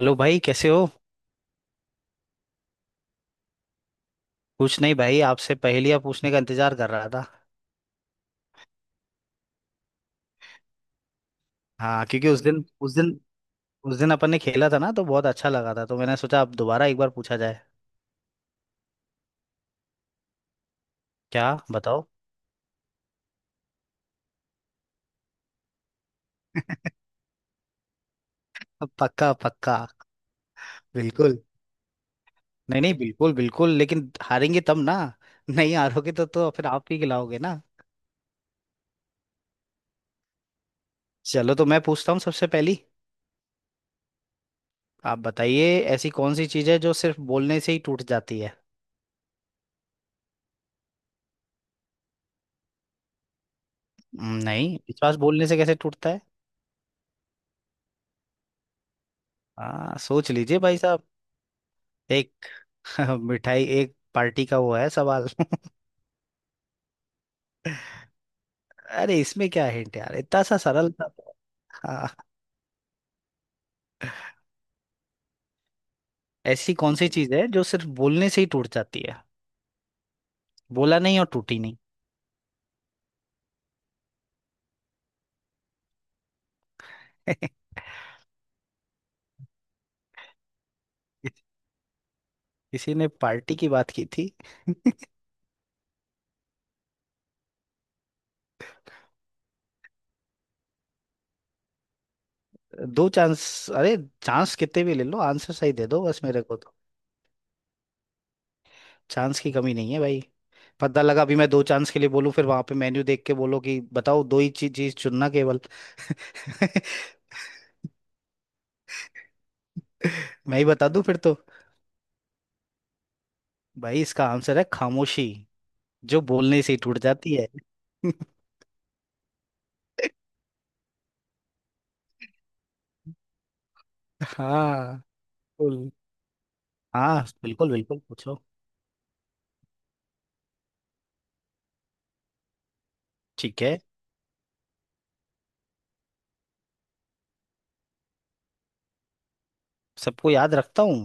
Hello भाई कैसे हो। कुछ नहीं भाई आपसे पहेलियां पूछने का इंतजार कर रहा था। हाँ क्योंकि उस दिन अपन ने खेला था ना तो बहुत अच्छा लगा था तो मैंने सोचा अब दोबारा एक बार पूछा जाए। क्या बताओ। अब पक्का पक्का बिल्कुल। नहीं नहीं बिल्कुल बिल्कुल लेकिन हारेंगे तब ना। नहीं हारोगे तो फिर आप ही खिलाओगे ना। चलो तो मैं पूछता हूँ सबसे पहली। आप बताइए। ऐसी कौन सी चीज़ है जो सिर्फ बोलने से ही टूट जाती है। नहीं विश्वास बोलने से कैसे टूटता है। हाँ सोच लीजिए भाई साहब। एक मिठाई एक पार्टी का वो है सवाल। अरे इसमें क्या हिंट यार इतना सा सरल था तो। हाँ ऐसी कौन सी चीज है जो सिर्फ बोलने से ही टूट जाती है। बोला नहीं और टूटी नहीं। किसी ने पार्टी की बात की थी। दो चांस। अरे चांस कितने भी ले लो आंसर सही दे दो बस मेरे को तो। चांस की कमी नहीं है भाई। पता लगा अभी मैं दो चांस के लिए बोलूं फिर वहां पे मेन्यू देख के बोलो कि बताओ दो ही चीज चीज चुनना केवल। मैं ही बता दूं फिर तो। भाई इसका आंसर है खामोशी। जो बोलने से ही टूट जाती है। हाँ फुल। हाँ बिल्कुल बिल्कुल पूछो। ठीक है। सबको याद रखता हूँ।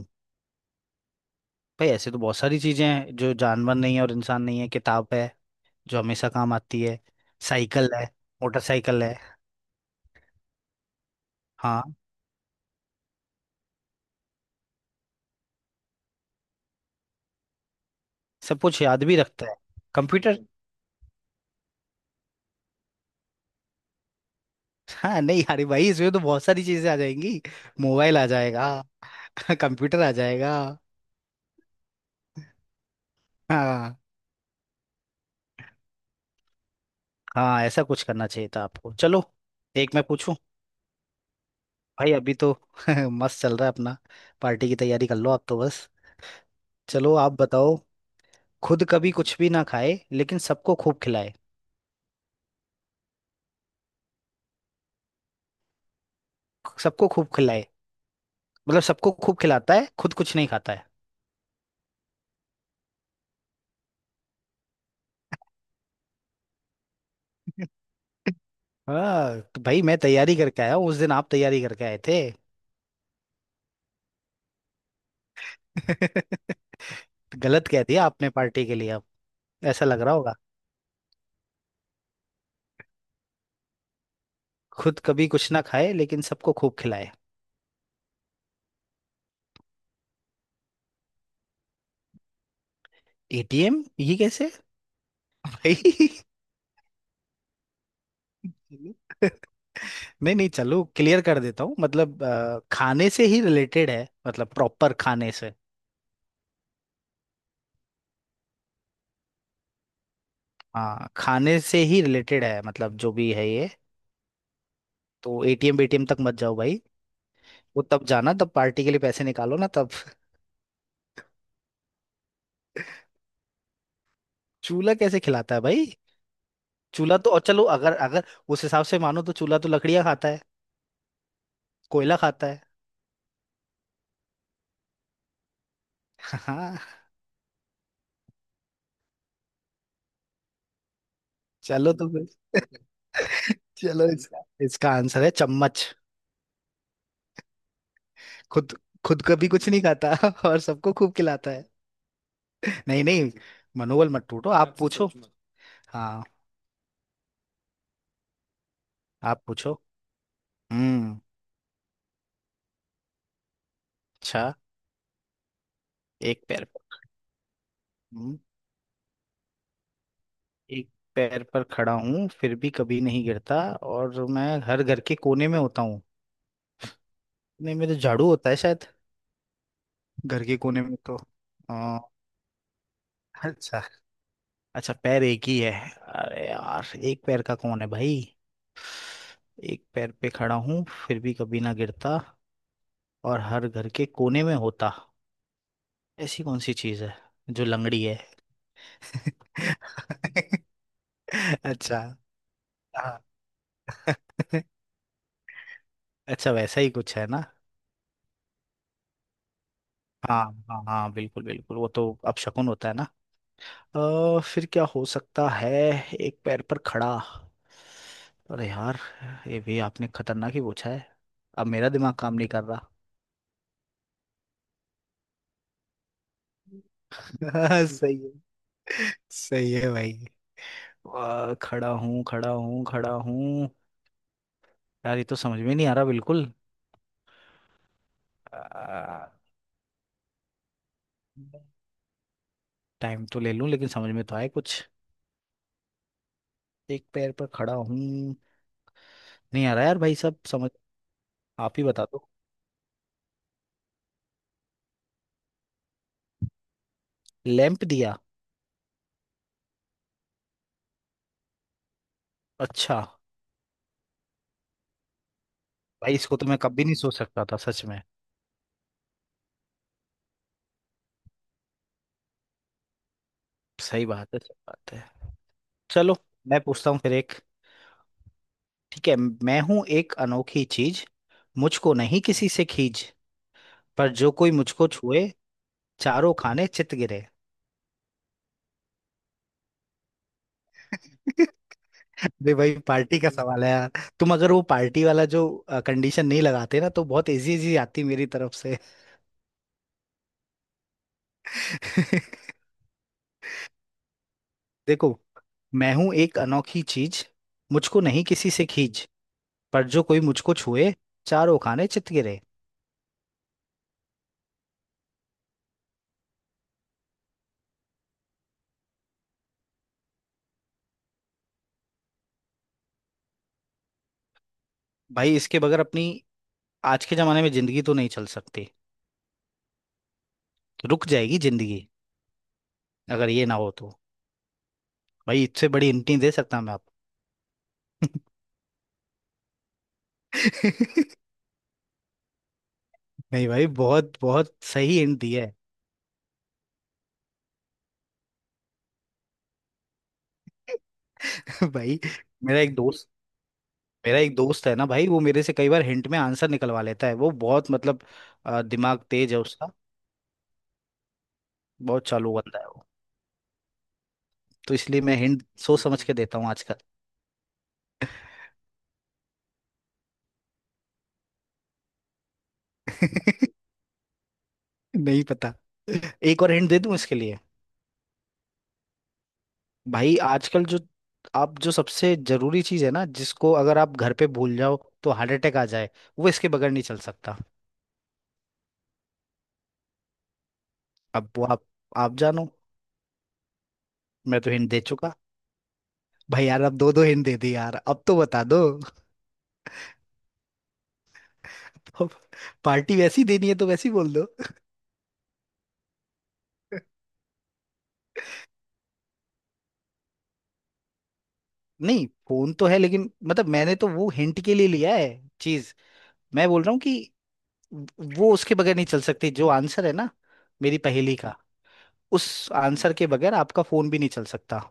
भाई ऐसे तो बहुत सारी चीजें हैं जो जानवर नहीं है और इंसान नहीं है किताब है। जो हमेशा काम आती है। साइकिल है। मोटरसाइकिल है। हाँ सब कुछ याद भी रखता है। कंप्यूटर। हाँ नहीं अरे भाई इसमें तो बहुत सारी चीजें आ जाएंगी। मोबाइल आ जाएगा। कंप्यूटर आ जाएगा। हाँ हाँ ऐसा कुछ करना चाहिए था आपको चलो। एक मैं पूछूं। भाई अभी तो मस्त चल रहा है अपना। पार्टी की तैयारी कर लो आप तो बस। चलो आप बताओ। खुद कभी कुछ भी ना खाए लेकिन सबको खूब खिलाए। सबको खूब खिलाए। मतलब सबको खूब खिलाता है खुद कुछ नहीं खाता है। हाँ तो भाई मैं तैयारी करके आया हूँ उस दिन आप तैयारी करके आए थे। गलत कह दिया आपने पार्टी के लिए अब। ऐसा लग रहा होगा। खुद कभी कुछ ना खाए लेकिन सबको खूब खिलाए। एटीएम ये कैसे भाई। नहीं नहीं चलो क्लियर कर देता हूँ मतलब खाने से ही रिलेटेड है मतलब प्रॉपर खाने से। हाँ खाने से ही रिलेटेड है मतलब जो भी है ये। तो एटीएम बीटीएम तक मत जाओ भाई। वो तब जाना तब पार्टी के लिए पैसे निकालो ना तब। चूल्हा कैसे खिलाता है भाई। चूल्हा तो और चलो अगर अगर उस हिसाब से मानो तो चूल्हा तो लकड़ियाँ खाता है। कोयला खाता है। हाँ चलो तो फिर। चलो इसका इसका आंसर है चम्मच। खुद खुद कभी कुछ नहीं खाता और सबको खूब खिलाता है। नहीं नहीं मनोबल मत टूटो आप अच्छा पूछो सोच मत। हाँ आप पूछो। हम्म। अच्छा एक पैर पर। हम्म, एक पैर पर खड़ा हूँ फिर भी कभी नहीं गिरता और मैं हर घर के कोने में होता हूँ। नहीं मेरे झाड़ू होता है शायद। घर के कोने में तो। आ, अच्छा। अच्छा पैर एक ही है। अरे यार एक पैर का कौन है भाई। एक पैर पे खड़ा हूँ फिर भी कभी ना गिरता। और हर घर के कोने में होता। ऐसी कौन सी चीज है। जो लंगड़ी है। अच्छा हाँ। अच्छा वैसा ही कुछ है ना। हाँ हाँ हाँ बिल्कुल बिल्कुल वो तो अपशकुन होता है ना। फिर क्या हो सकता है। एक पैर पर खड़ा। अरे यार ये भी आपने खतरनाक ही पूछा है। अब मेरा दिमाग काम नहीं कर रहा। सही है। सही है भाई। खड़ा हूँ खड़ा हूँ खड़ा हूँ। यार ये तो समझ में नहीं आ रहा बिल्कुल। टाइम तो ले लूं लेकिन समझ में तो आए कुछ। एक पैर पर खड़ा हूँ। नहीं आ रहा यार भाई सब समझ। आप ही बता दो। लैंप दिया। अच्छा भाई इसको तो मैं कभी नहीं सोच सकता था सच में। सही बात है सही बात है। चलो मैं पूछता हूँ फिर एक। ठीक है मैं हूँ एक अनोखी चीज। मुझको नहीं किसी से खींच। पर जो कोई मुझको छुए। चारों खाने चित गिरे। अरे भाई पार्टी का सवाल है यार। तुम अगर वो पार्टी वाला जो कंडीशन नहीं लगाते ना तो बहुत इजी इजी आती मेरी तरफ से। देखो। मैं हूं एक अनोखी चीज। मुझको नहीं किसी से खींच। पर जो कोई मुझको छुए। चारों खाने चित गिरे। भाई इसके बगैर अपनी आज के जमाने में जिंदगी तो नहीं चल सकती। रुक जाएगी जिंदगी। अगर ये ना हो तो। भाई इससे बड़ी हिंट नहीं दे सकता मैं आपको। नहीं भाई बहुत बहुत सही हिंट दिया है। भाई मेरा एक दोस्त मेरा एक दोस्त है ना भाई वो मेरे से कई बार हिंट में आंसर निकलवा लेता है वो बहुत मतलब दिमाग तेज है उसका। बहुत चालू बंदा है वो। तो इसलिए मैं हिंट सोच समझ के देता हूँ आजकल। नहीं पता। एक और हिंट दे दूं इसके लिए। भाई आजकल जो आप जो सबसे जरूरी चीज है ना जिसको अगर आप घर पे भूल जाओ तो हार्ट अटैक आ जाए। वो इसके बगैर नहीं चल सकता। अब वो आप जानो। मैं तो हिंट दे चुका। भाई यार अब दो दो हिंट दे दी यार अब तो बता दो। अब पार्टी वैसी देनी है तो वैसी बोल दो। नहीं फोन तो है लेकिन मतलब मैंने तो वो हिंट के लिए लिया है। चीज। मैं बोल रहा हूँ कि वो उसके बगैर नहीं चल सकती जो आंसर है ना। मेरी पहेली का। उस आंसर के बगैर आपका फोन भी नहीं चल सकता।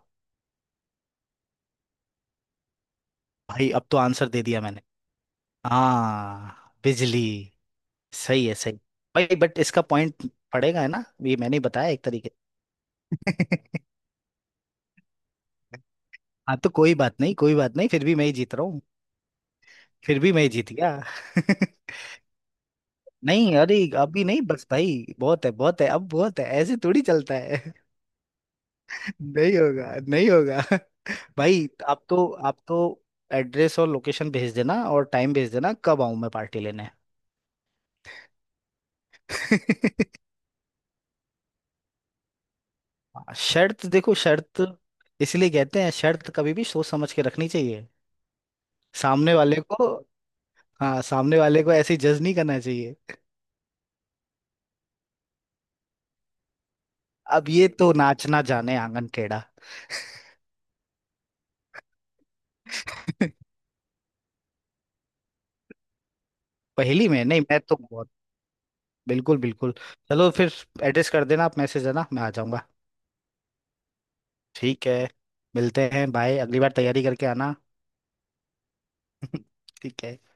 भाई अब तो आंसर दे दिया मैंने। हाँ बिजली। सही है सही। भाई बट इसका पॉइंट पड़ेगा है ना ये मैंने ही बताया एक तरीके से। हाँ तो कोई बात नहीं फिर भी मैं ही जीत रहा हूँ। फिर भी मैं ही जीत गया। नहीं अरे अभी नहीं बस भाई बहुत है अब बहुत है ऐसे थोड़ी चलता है। नहीं होगा नहीं होगा। भाई आप तो एड्रेस और लोकेशन भेज देना और टाइम भेज देना कब आऊं मैं पार्टी लेने। हाँ, शर्त देखो शर्त। इसलिए कहते हैं शर्त कभी भी सोच समझ के रखनी चाहिए। सामने वाले को। हाँ सामने वाले को ऐसे जज नहीं करना चाहिए। अब ये तो नाचना जाने आंगन टेढ़ा। पहली में नहीं मैं तो बहुत बिल्कुल बिल्कुल। चलो फिर एड्रेस कर देना आप मैसेज है ना मैं आ जाऊंगा। ठीक है मिलते हैं बाय अगली बार तैयारी करके आना। ठीक है।